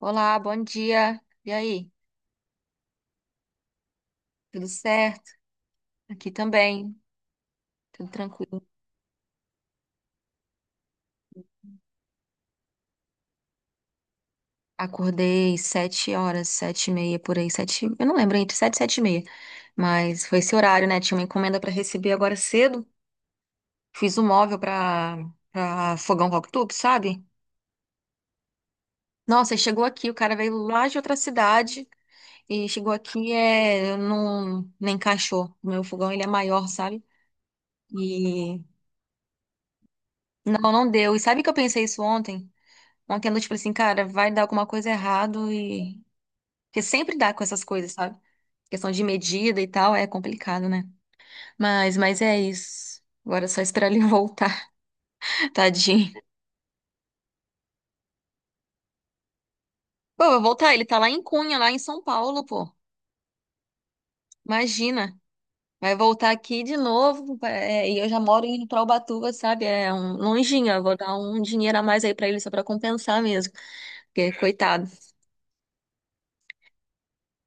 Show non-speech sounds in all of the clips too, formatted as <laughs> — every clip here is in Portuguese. Olá, bom dia. E aí? Tudo certo? Aqui também, tudo tranquilo. Acordei 7 horas, sete e meia por aí, sete. Eu não lembro entre sete e sete e meia, mas foi esse horário, né? Tinha uma encomenda para receber agora cedo. Fiz um móvel para fogão Cooktop, sabe? Nossa, e chegou aqui, o cara veio lá de outra cidade e chegou aqui é não nem encaixou. O meu fogão ele é maior, sabe? E não deu. E sabe que eu pensei isso ontem? Com aquela, tipo assim, cara, vai dar alguma coisa errado e. Porque sempre dá com essas coisas, sabe? Questão de medida e tal, é complicado, né? Mas é isso. Agora é só esperar ele voltar, <laughs> tadinho. Pô, vai voltar, ele tá lá em Cunha, lá em São Paulo, pô. Imagina. Vai voltar aqui de novo. É, e eu já moro em Ubatuba, sabe? É um longinho. Eu vou dar um dinheiro a mais aí pra ele só pra compensar mesmo. Porque, coitado.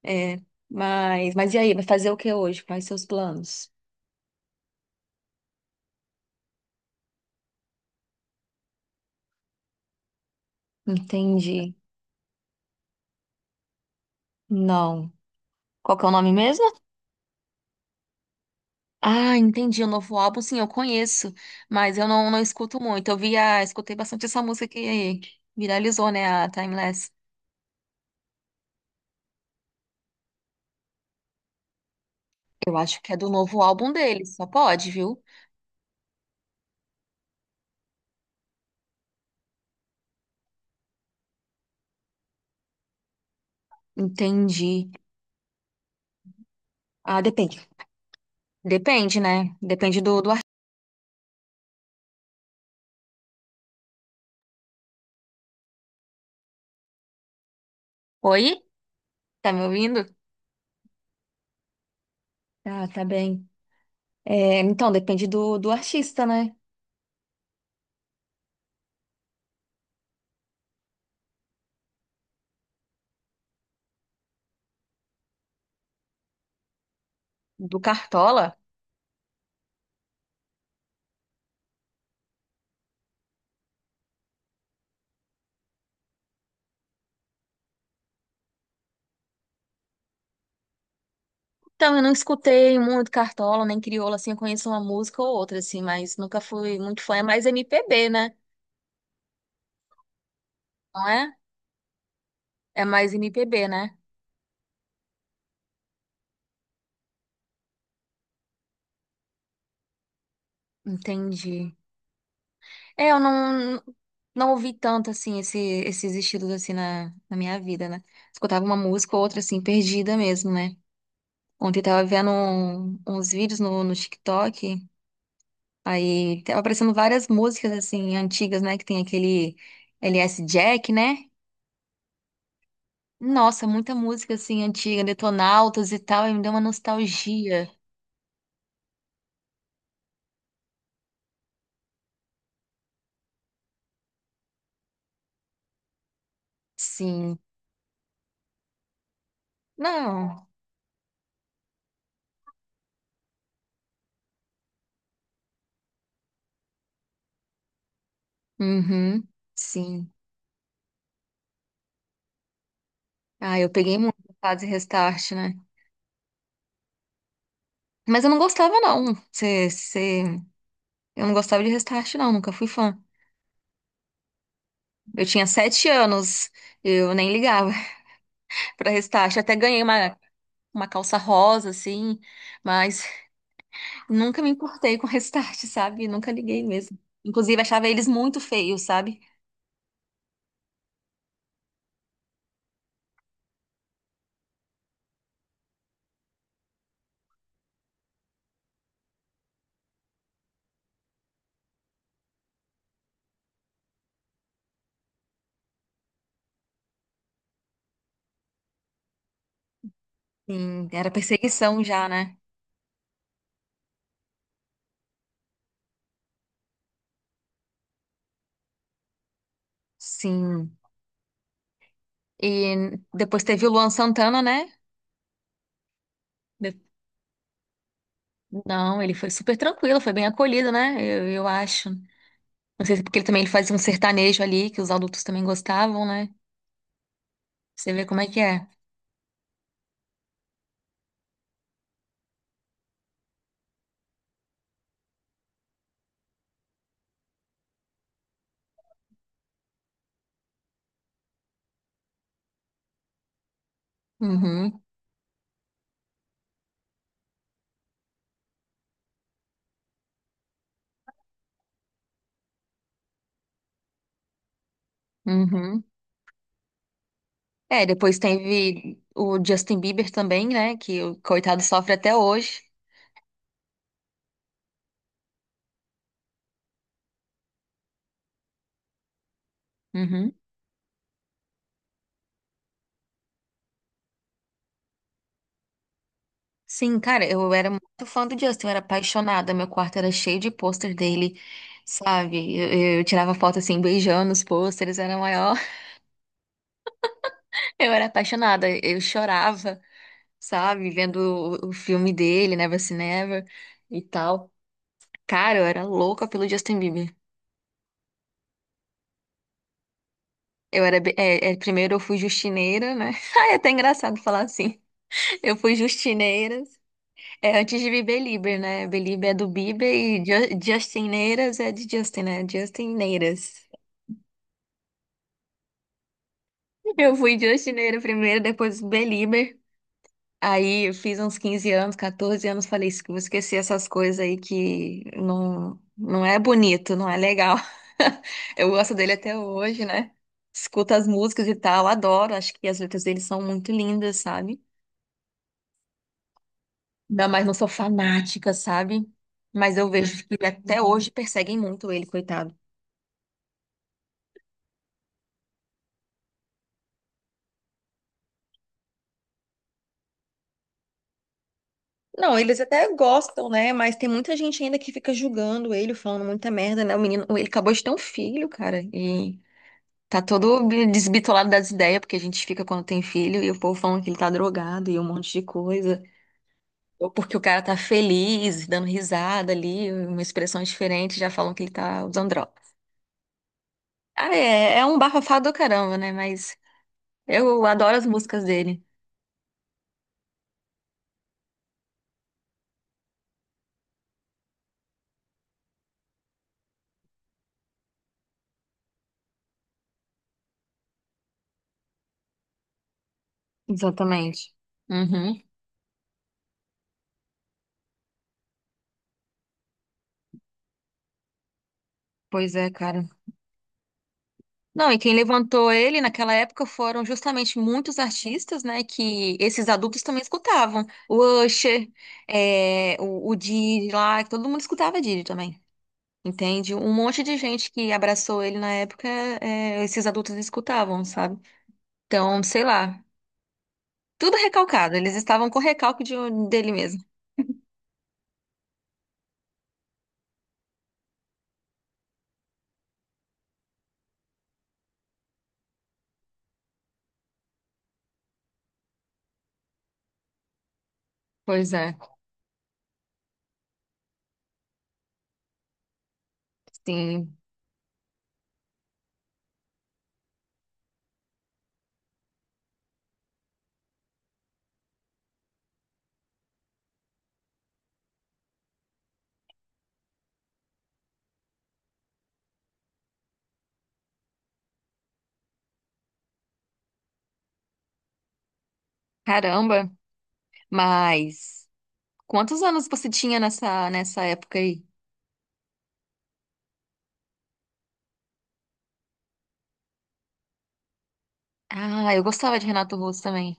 É. Mas e aí? Vai fazer o que hoje? Quais seus planos? Entendi. Não. Qual que é o nome mesmo? Ah, entendi. O novo álbum, sim, eu conheço, mas eu não escuto muito. Eu via, escutei bastante essa música que viralizou, né? A Timeless. Eu acho que é do novo álbum dele, só pode, viu? Entendi. Ah, depende. Depende, né? Depende do artista. Oi? Tá me ouvindo? Ah, tá bem. É, então, depende do artista, né? Do Cartola. Então, eu não escutei muito Cartola, nem Crioula, assim, eu conheço uma música ou outra, assim, mas nunca fui muito fã. É mais MPB, né? Não é? É mais MPB, né? Entendi. É, eu não ouvi tanto, assim, esse, esses estilos, assim, na minha vida, né? Escutava uma música ou outra, assim, perdida mesmo, né? Ontem eu tava vendo uns vídeos no TikTok, aí tava aparecendo várias músicas, assim, antigas, né? Que tem aquele LS Jack, né? Nossa, muita música assim antiga, Detonautas e tal, e me deu uma nostalgia. Sim. Não. Uhum. Sim. Ah, eu peguei muito a fase Restart, né? Mas eu não gostava, não. Eu não gostava de Restart, não, nunca fui fã. Eu tinha 7 anos, eu nem ligava <laughs> pra Restart. Eu até ganhei uma calça rosa, assim, mas nunca me importei com <laughs> Restart, sabe? Nunca liguei mesmo. Inclusive, achava eles muito feios, sabe? Sim, era perseguição já, né? Sim. E depois teve o Luan Santana, né? De- Não, ele foi super tranquilo, foi bem acolhido, né? Eu acho. Não sei se é porque ele também ele fazia um sertanejo ali, que os adultos também gostavam, né? Você vê como é que é. Uhum, uhum. É, depois teve o Justin Bieber também, né? Que o coitado sofre até hoje. Uhum. Sim, cara, eu era muito fã do Justin, eu era apaixonada. Meu quarto era cheio de pôster dele, sabe? Eu tirava foto assim, beijando os pôsteres, era a maior. Eu era apaixonada, eu chorava, sabe, vendo o filme dele, Never Say Never e tal. Cara, eu era louca pelo Justin Bieber. Eu era, be- é, é, primeiro eu fui justineira, né? <laughs> Ai, é até engraçado falar assim. Eu fui justineiras, é, antes de Bieber, né? Bieber é do Bieber e Justineiras é de Justin, né? Justineiras. <laughs> Eu fui justineira primeiro, depois Belieber. Aí eu fiz uns 15 anos, 14 anos, falei, "Vou esquecer essas coisas aí que não é bonito, não é legal." <laughs> Eu gosto dele até hoje, né? Escuto as músicas e tal, adoro, acho que as letras dele são muito lindas, sabe? Não, mas não sou fanática, sabe? Mas eu vejo que até hoje perseguem muito ele, coitado. Não, eles até gostam, né? Mas tem muita gente ainda que fica julgando ele, falando muita merda, né? O menino, ele acabou de ter um filho, cara, e tá todo desbitolado das ideias, porque a gente fica quando tem filho e o povo falando que ele tá drogado e um monte de coisa. Ou porque o cara tá feliz, dando risada ali, uma expressão diferente, já falam que ele tá usando droga. Ah, é, é um bafafá do caramba, né? Mas eu adoro as músicas dele. Exatamente. Uhum. Pois é, cara. Não, e quem levantou ele naquela época foram justamente muitos artistas, né, que esses adultos também escutavam. O Usher, é, o Didi lá, que todo mundo escutava Didi também, entende? Um monte de gente que abraçou ele na época, é, esses adultos escutavam, sabe? Então, sei lá, tudo recalcado, eles estavam com recalque dele mesmo. Pois é, sim, caramba. Mas quantos anos você tinha nessa época aí? Ah, eu gostava de Renato Russo também.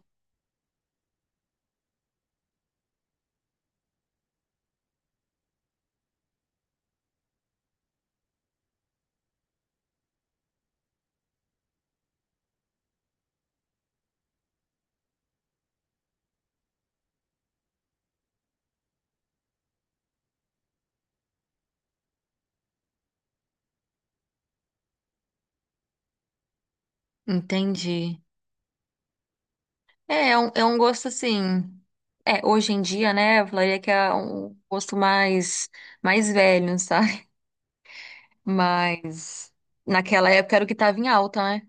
Entendi. É, é um gosto assim. É, hoje em dia, né? Eu falaria que é um gosto mais velho, <laughs> sabe? Mas naquela época era o que tava em alta, né?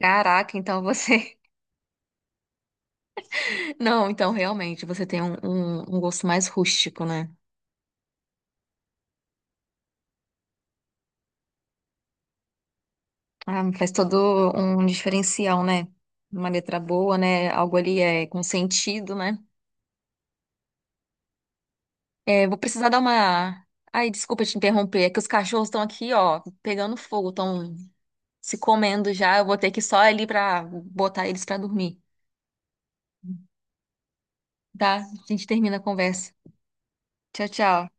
Caraca, então você. <laughs> Não, então realmente você tem um gosto mais rústico, né? Ah, faz todo um diferencial, né? Uma letra boa, né? Algo ali é com sentido, né? É, vou precisar dar uma. Ai, desculpa te interromper, é que os cachorros estão aqui, ó, pegando fogo, estão se comendo já. Eu vou ter que ir só ali pra botar eles pra dormir, tá? A gente termina a conversa. Tchau, tchau.